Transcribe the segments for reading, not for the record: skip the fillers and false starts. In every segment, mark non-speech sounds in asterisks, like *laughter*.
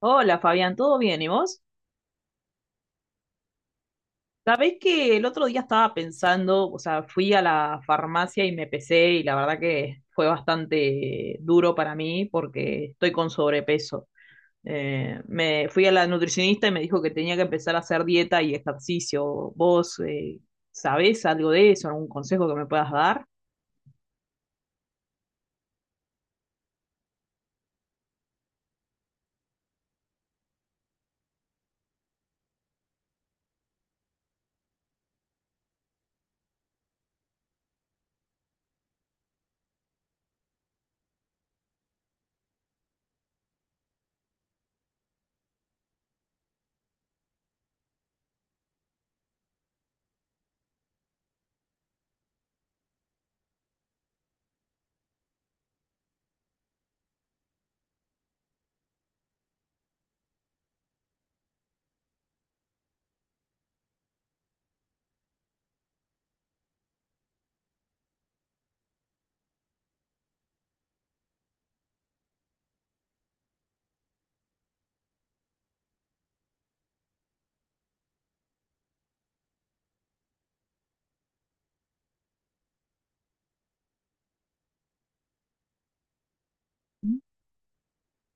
Hola Fabián, ¿todo bien? ¿Y vos? Sabés que el otro día estaba pensando, o sea, fui a la farmacia y me pesé y la verdad que fue bastante duro para mí porque estoy con sobrepeso. Me fui a la nutricionista y me dijo que tenía que empezar a hacer dieta y ejercicio. ¿Vos sabés algo de eso? ¿Algún consejo que me puedas dar?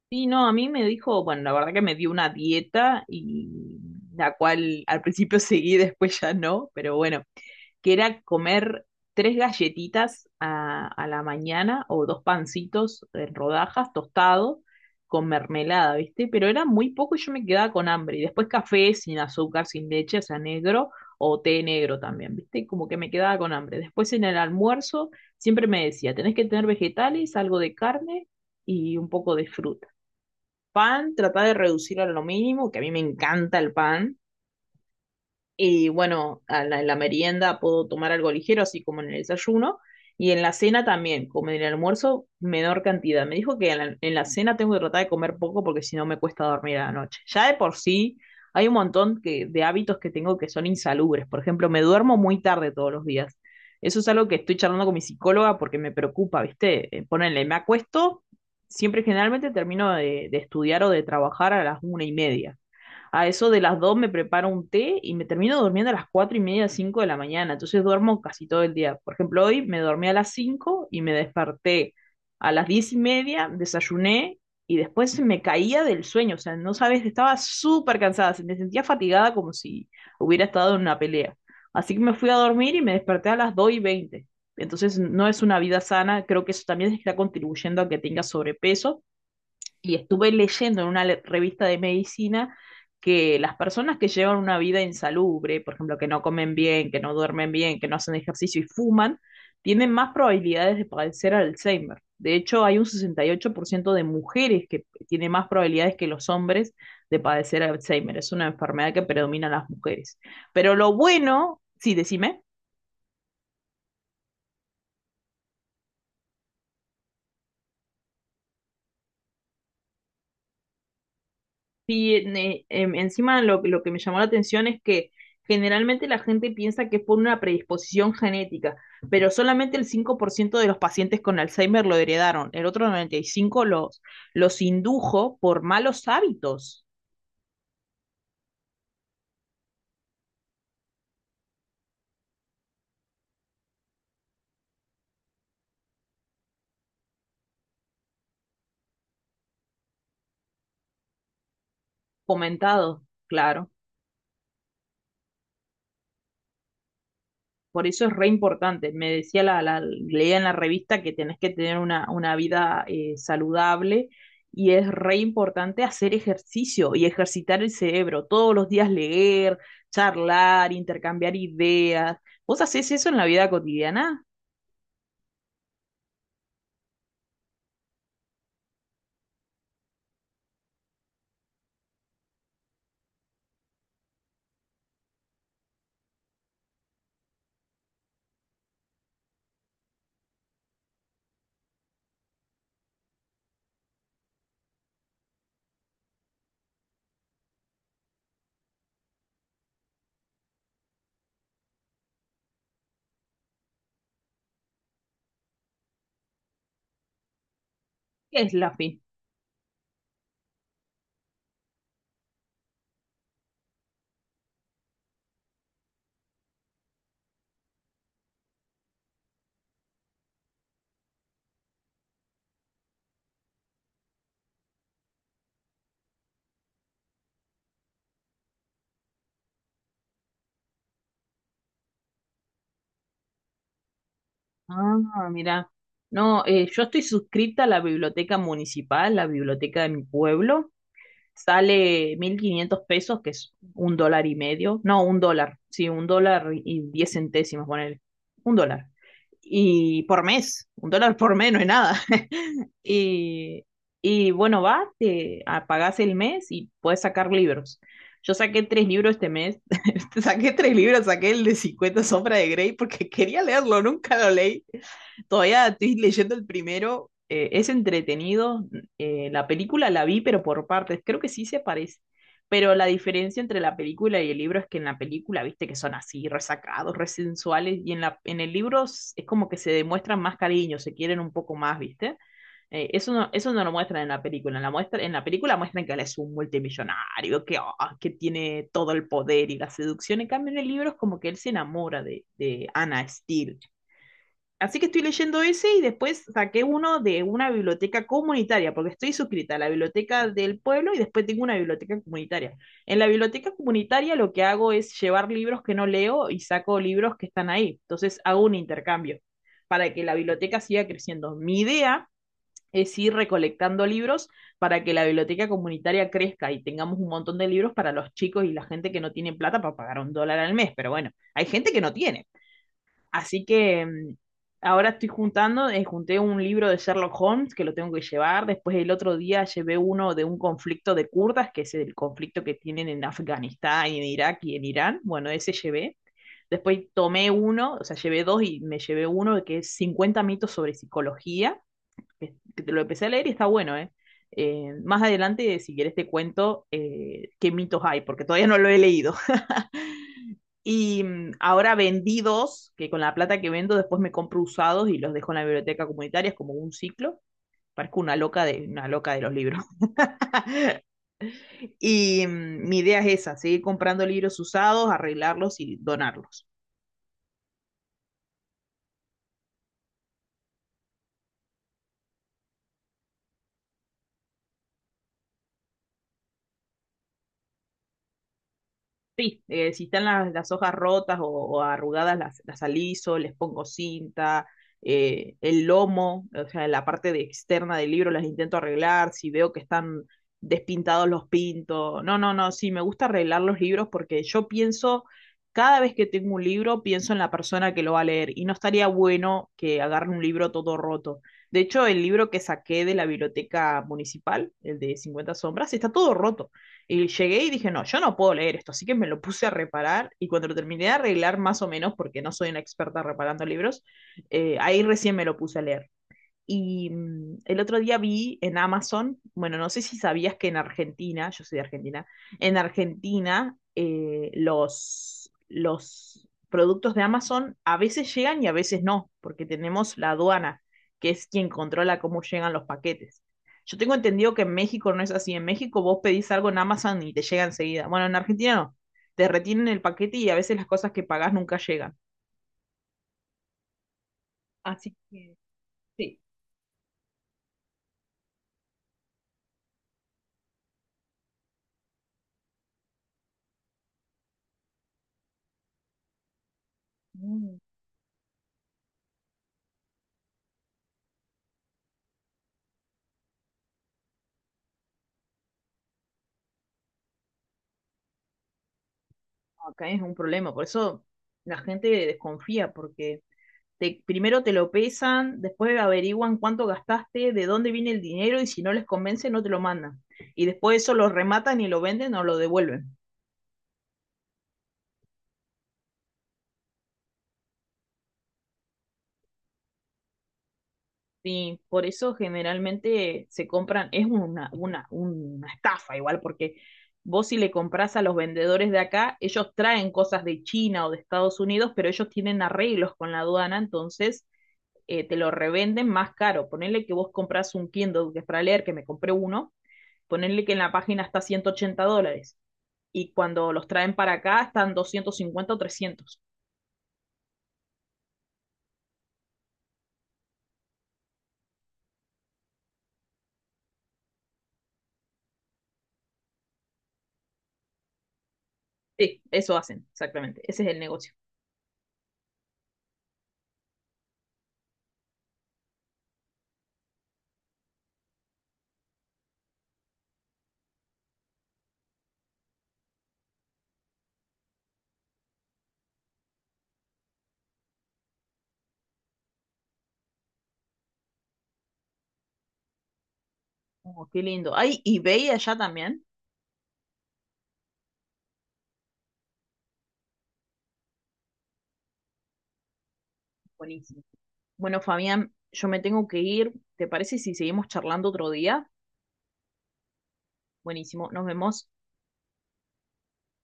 Sí, no, a mí me dijo, bueno, la verdad que me dio una dieta y la cual al principio *laughs* seguí, después ya no, pero bueno. Que era comer tres galletitas a la mañana o dos pancitos en rodajas tostado con mermelada, ¿viste? Pero era muy poco y yo me quedaba con hambre. Y después café sin azúcar, sin leche, o sea, negro o té negro también, ¿viste? Como que me quedaba con hambre. Después en el almuerzo siempre me decía, tenés que tener vegetales, algo de carne y un poco de fruta. Pan, tratá de reducir a lo mínimo, que a mí me encanta el pan y bueno, en la merienda puedo tomar algo ligero, así como en el desayuno. Y en la cena también, como en el almuerzo, menor cantidad. Me dijo que en la cena tengo que tratar de comer poco porque si no me cuesta dormir a la noche. Ya de por sí hay un montón que, de hábitos que tengo que son insalubres. Por ejemplo, me duermo muy tarde todos los días. Eso es algo que estoy charlando con mi psicóloga porque me preocupa, ¿viste? Ponele, me acuesto, siempre generalmente termino de estudiar o de trabajar a las 1:30. A eso de las 2 me preparo un té y me termino durmiendo a las 4:30, 5 de la mañana. Entonces duermo casi todo el día. Por ejemplo, hoy me dormí a las 5 y me desperté a las 10:30, desayuné y después me caía del sueño. O sea, no sabes, estaba súper cansada, se me sentía fatigada como si hubiera estado en una pelea. Así que me fui a dormir y me desperté a las 2:20. Entonces no es una vida sana, creo que eso también está contribuyendo a que tengas sobrepeso y estuve leyendo en una revista de medicina que las personas que llevan una vida insalubre, por ejemplo, que no comen bien, que no duermen bien, que no hacen ejercicio y fuman, tienen más probabilidades de padecer Alzheimer. De hecho, hay un 68% de mujeres que tiene más probabilidades que los hombres de padecer Alzheimer. Es una enfermedad que predomina en las mujeres. Pero lo bueno, sí, decime. Sí, encima lo que me llamó la atención es que generalmente la gente piensa que es por una predisposición genética, pero solamente el 5% de los pacientes con Alzheimer lo heredaron, el otro 95% los indujo por malos hábitos fomentados, claro. Por eso es re importante. Me decía leía en la revista que tenés que tener una vida saludable y es re importante hacer ejercicio y ejercitar el cerebro. Todos los días leer, charlar, intercambiar ideas. ¿Vos hacés eso en la vida cotidiana? ¿Qué es la FI? Ah, mira. No, yo estoy suscrita a la biblioteca municipal, la biblioteca de mi pueblo. Sale 1500 pesos, que es un dólar y medio, no, un dólar, sí, un dólar y 10 centésimos, ponele, un dólar. Y por mes, un dólar por mes no es nada. *laughs* Y, y bueno, vas, te pagás el mes y puedes sacar libros. Yo saqué tres libros este mes, *laughs* saqué tres libros, saqué el de 50 Sombras de Grey porque *laughs* quería leerlo, nunca lo leí. Todavía estoy leyendo el primero, es entretenido, la película la vi, pero por partes. Creo que sí se parece. Pero la diferencia entre la película y el libro es que en la película, viste, que son así, resacados, resensuales, y en el libro es como que se demuestran más cariño, se quieren un poco más, viste. Eso no lo muestran en la película. En la muestra, en la película muestran que él es un multimillonario, que, que tiene todo el poder y la seducción. En cambio, en el libro es como que él se enamora de Anna Steele. Así que estoy leyendo ese y después saqué uno de una biblioteca comunitaria, porque estoy suscrita a la biblioteca del pueblo y después tengo una biblioteca comunitaria. En la biblioteca comunitaria lo que hago es llevar libros que no leo y saco libros que están ahí. Entonces hago un intercambio para que la biblioteca siga creciendo. Mi idea es ir recolectando libros para que la biblioteca comunitaria crezca y tengamos un montón de libros para los chicos y la gente que no tiene plata para pagar un dólar al mes. Pero bueno, hay gente que no tiene. Así que ahora estoy juntando, junté un libro de Sherlock Holmes que lo tengo que llevar. Después el otro día llevé uno de un conflicto de kurdas, que es el conflicto que tienen en Afganistán y en Irak y en Irán. Bueno, ese llevé. Después tomé uno, o sea, llevé dos y me llevé uno que es 50 mitos sobre psicología, que te lo empecé a leer y está bueno, ¿eh? Más adelante, si quieres, te cuento qué mitos hay, porque todavía no lo he leído. *laughs* Y ahora vendidos, que con la plata que vendo después me compro usados y los dejo en la biblioteca comunitaria, es como un ciclo. Parezco una loca de los libros. *laughs* Y mi idea es esa, seguir comprando libros usados, arreglarlos y donarlos. Sí, si están las hojas rotas o arrugadas, las aliso, les pongo cinta, el lomo, o sea, la parte de externa del libro las intento arreglar, si veo que están despintados los pinto. No, no, no, sí, me gusta arreglar los libros porque yo pienso, cada vez que tengo un libro, pienso en la persona que lo va a leer y no estaría bueno que agarre un libro todo roto. De hecho, el libro que saqué de la biblioteca municipal, el de cincuenta sombras, está todo roto. Y llegué y dije, no, yo no puedo leer esto, así que me lo puse a reparar y cuando lo terminé de arreglar más o menos, porque no soy una experta reparando libros, ahí recién me lo puse a leer. Y el otro día vi en Amazon, bueno, no sé si sabías que en Argentina, yo soy de Argentina, en Argentina los productos de Amazon a veces llegan y a veces no, porque tenemos la aduana, que es quien controla cómo llegan los paquetes. Yo tengo entendido que en México no es así. En México vos pedís algo en Amazon y te llega enseguida. Bueno, en Argentina no. Te retienen el paquete y a veces las cosas que pagás nunca llegan. Así que sí. Acá es un problema, por eso la gente desconfía, porque te, primero te lo pesan, después averiguan cuánto gastaste, de dónde viene el dinero y si no les convence no te lo mandan. Y después eso lo rematan y lo venden o lo devuelven. Sí, por eso generalmente se compran, es una estafa igual, porque vos si le compras a los vendedores de acá, ellos traen cosas de China o de Estados Unidos, pero ellos tienen arreglos con la aduana, entonces te lo revenden más caro. Ponerle que vos compras un Kindle que es para leer, que me compré uno, ponerle que en la página está 180 dólares y cuando los traen para acá están 250 o 300. Sí, eso hacen, exactamente. Ese es el negocio. Oh, qué lindo. Hay eBay allá también. Buenísimo. Bueno, Fabián, yo me tengo que ir. ¿Te parece si seguimos charlando otro día? Buenísimo. Nos vemos.